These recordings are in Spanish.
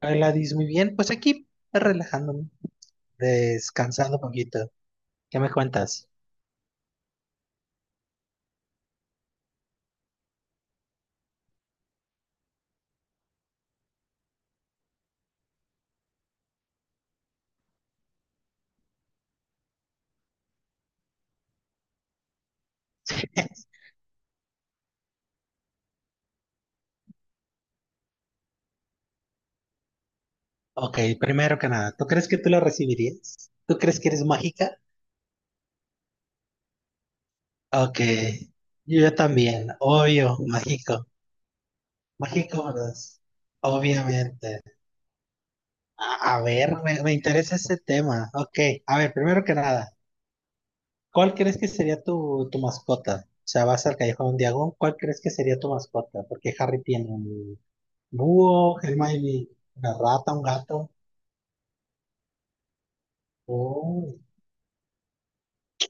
Gladys, muy bien. Pues aquí relajándome, descansando un poquito. ¿Qué me cuentas? Ok, primero que nada, ¿tú crees que tú la recibirías? ¿Tú crees que eres mágica? Ok, yo también, obvio, mágico. Mágico, ¿verdad? Obviamente. A ver, me interesa ese tema. Ok, a ver, primero que nada, ¿cuál crees que sería tu mascota? O sea, vas al Callejón de Diagon, ¿cuál crees que sería tu mascota? Porque Harry tiene un búho, Hermione, una rata, un gato. Oh,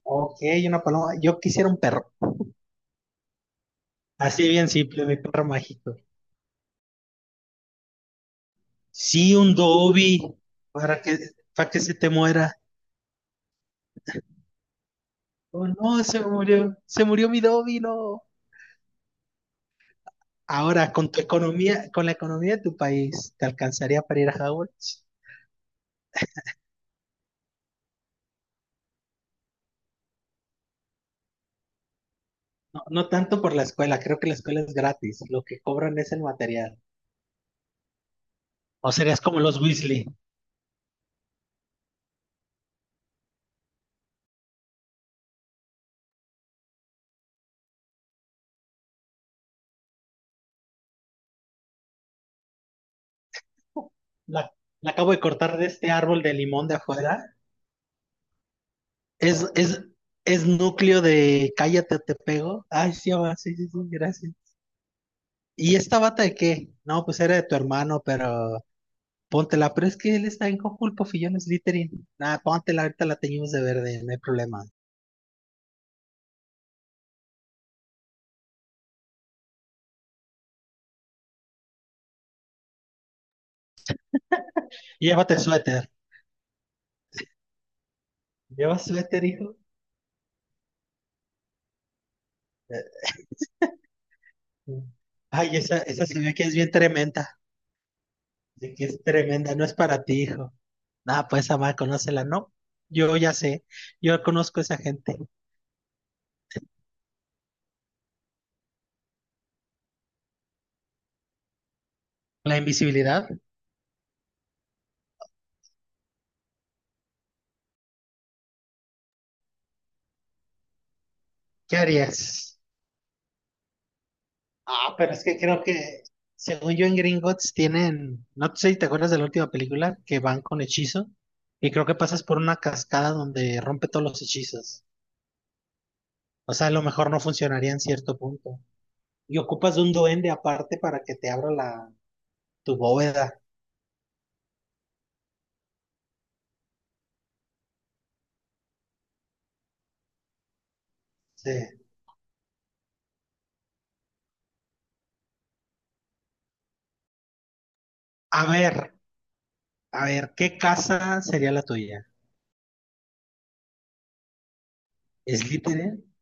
ok, una paloma. Yo quisiera un perro. Así bien simple, mi perro mágico. Sí, un Dobby, para que, para que se te muera. Oh, no, se murió. Se murió mi Dobby, no. Ahora, con tu economía, con la economía de tu país, ¿te alcanzaría para ir a Hogwarts? No, no tanto por la escuela, creo que la escuela es gratis. Lo que cobran es el material. O serías como los Weasley. La, la acabo de cortar de este árbol de limón de afuera. Es, es, es núcleo de cállate, te pego. Ay, sí, va, sí, sí, sí, gracias. ¿Y esta bata de qué? No, pues era de tu hermano, pero póntela. Pero es que él está en Conjul, Pofillón, es Littering. Nada, póntela, ahorita la teñimos de verde, no hay problema. Y llévate el suéter. ¿Llevas suéter, hijo? Eh, Ay, esa se ve que es bien tremenda. De que es tremenda, no es para ti, hijo. Nada, pues, amar, conócela, ¿no? Yo ya sé, yo conozco a esa gente. La invisibilidad, ¿qué harías? Ah, pero es que creo que, según yo en Gringotts tienen, no sé si te acuerdas de la última película, que van con hechizo, y creo que pasas por una cascada donde rompe todos los hechizos. O sea, a lo mejor no funcionaría en cierto punto. Y ocupas de un duende aparte para que te abra la, tu bóveda. Sí. A ver, a ver, ¿qué casa sería la tuya? ¿Slytherin?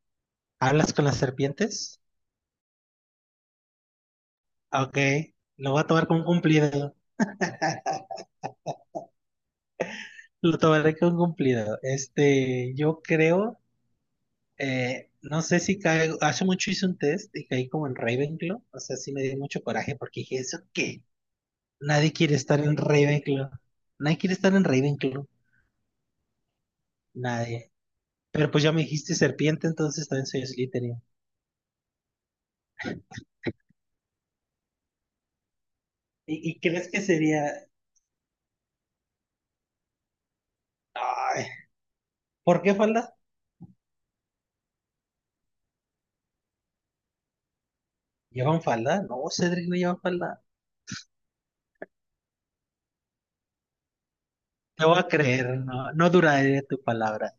¿Hablas con las serpientes? Ok, lo voy a tomar como un cumplido. Lo tomaré como un cumplido. Este, yo creo. No sé si caigo, hace mucho hice un test y caí como en Ravenclaw, o sea, sí me dio mucho coraje porque dije, ¿eso qué? Nadie quiere estar en Ravenclaw, nadie quiere estar en Ravenclaw, nadie. Pero pues ya me dijiste serpiente, entonces también soy Slytherin. ¿Y crees que sería... Ay, ¿por qué falda? ¿Llevan falda? No, Cedric no lleva falda. Te voy a creer, no, no duraré tu palabra.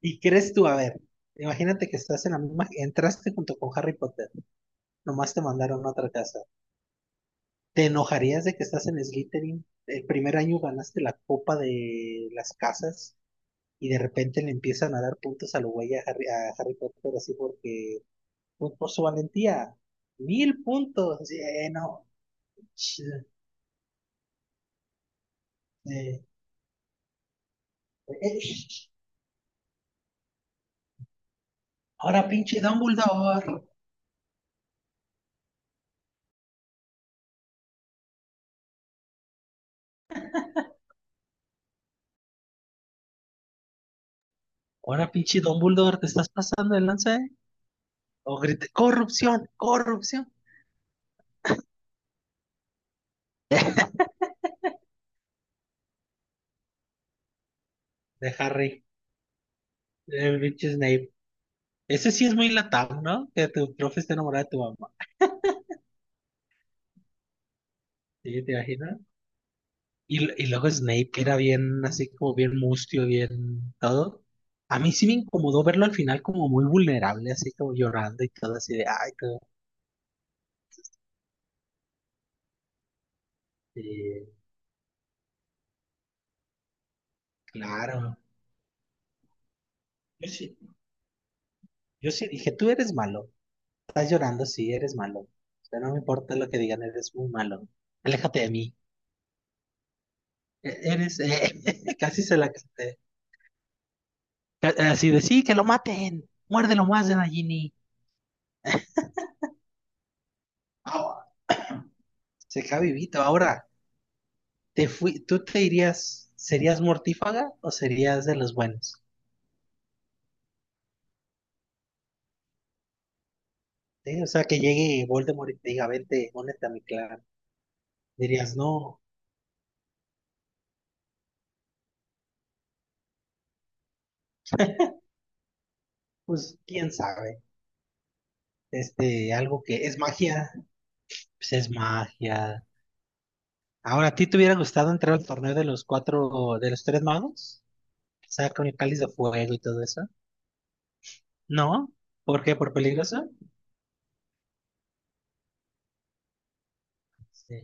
¿Y crees tú, a ver, imagínate que estás en la misma, entraste junto con Harry Potter, nomás te mandaron a otra casa. ¿Te enojarías de que estás en Slytherin? El primer año ganaste la copa de las casas y de repente le empiezan a dar puntos a lo güey a Harry Potter así porque pues, por su valentía. Mil puntos. Sí, no. Ch- eh, eh, sh- ahora pinche Dumbledore. Ahora pinche Dumbledore, te estás pasando el lance, ¿eh? O grite, corrupción, corrupción. De Harry. El pinche Snape. Ese sí es muy latado, ¿no? Que tu profe esté enamorado de tu mamá. ¿Sí? ¿Te imaginas? Y luego Snape, que era bien así como bien mustio, bien todo. A mí sí me incomodó verlo al final como muy vulnerable, así como llorando y todo así de, ay, todo, eh, claro. Yo sí, yo sí dije, tú eres malo, estás llorando, sí, eres malo. O sea, no me importa lo que digan, eres muy malo. Aléjate de mí. Eres, casi se la canté. Así de, sí, que lo maten, muérdelo más de Nagini. Ah, se queda vivito ahora. Te fui, ¿tú te irías, serías mortífaga o serías de los buenos? ¿Sí? O sea, que llegue Voldemort y te diga, vente, únete a mi clan. Dirías, no, pues quién sabe. Este, algo que es magia, pues es magia. Ahora, ¿a ti te hubiera gustado entrar al torneo de los cuatro, de los tres magos? O sea, con el cáliz de fuego y todo eso. ¿No? ¿Por qué? ¿Por peligroso? Sí.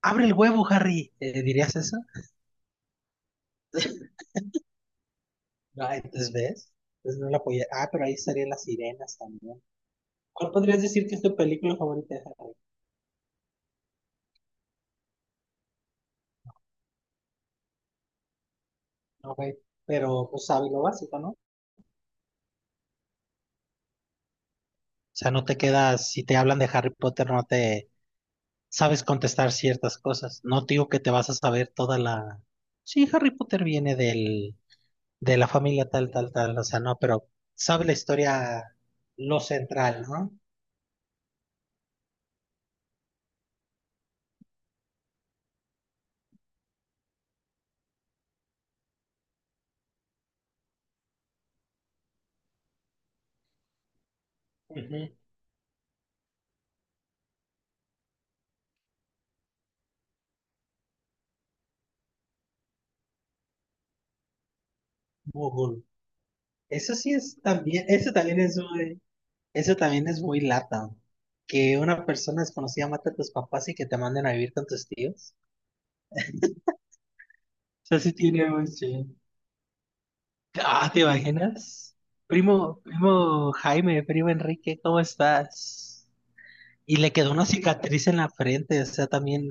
Abre el huevo, Harry. ¿Dirías eso? No, entonces ves. Entonces no lo apoyé. Ah, pero ahí estarían las sirenas también. ¿Cuál podrías decir que es tu película favorita de Harry? No, güey, pero pues sabes lo básico, ¿no? O sea, no te quedas, si te hablan de Harry Potter, no te sabes contestar ciertas cosas. No te digo que te vas a saber toda la... Sí, Harry Potter viene de la familia tal, tal, tal, o sea, no, pero sabe la historia, lo central, ¿no? Ujú. Google. Eso sí es también, eso también es muy lata. Que una persona desconocida mate a tus papás y que te manden a vivir con tus tíos. Sea, sí tiene un sí. Ah, ¿te imaginas? Primo, primo Jaime, primo Enrique, ¿cómo estás? Y le quedó una cicatriz en la frente, o sea, también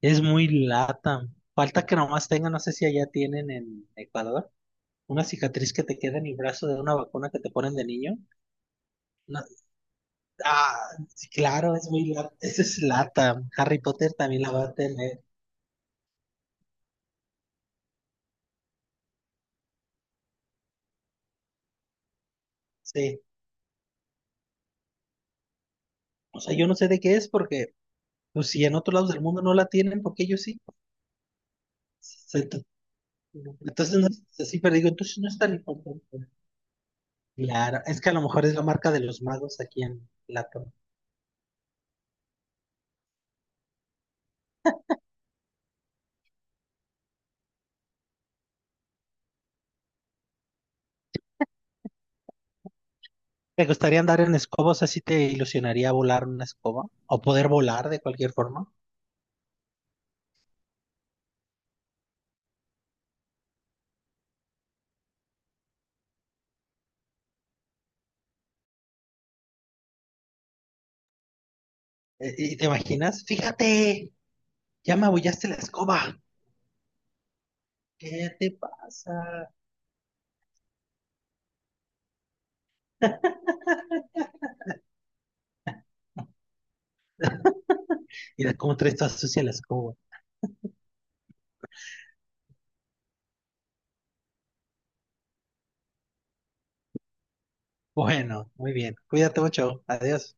es muy lata. Falta que nomás tenga, no sé si allá tienen en Ecuador, una cicatriz que te queda en el brazo de una vacuna que te ponen de niño. No, ah, sí, claro, es muy lata. Esa es lata. Harry Potter también la va a tener. Sí. O sea, yo no sé de qué es porque, pues si en otros lados del mundo no la tienen, porque ellos sí. Entonces, no es así, pero digo, entonces no es tan importante. Claro, es que a lo mejor es la marca de los magos aquí en Platón. ¿Te gustaría andar en escobos? ¿Así te ilusionaría volar una escoba? ¿O poder volar de cualquier forma? ¿Y te imaginas? Fíjate, ya me abollaste la escoba. ¿Qué te pasa? Mira cómo traes toda sucia la escoba. Bueno, muy bien. Cuídate mucho. Adiós.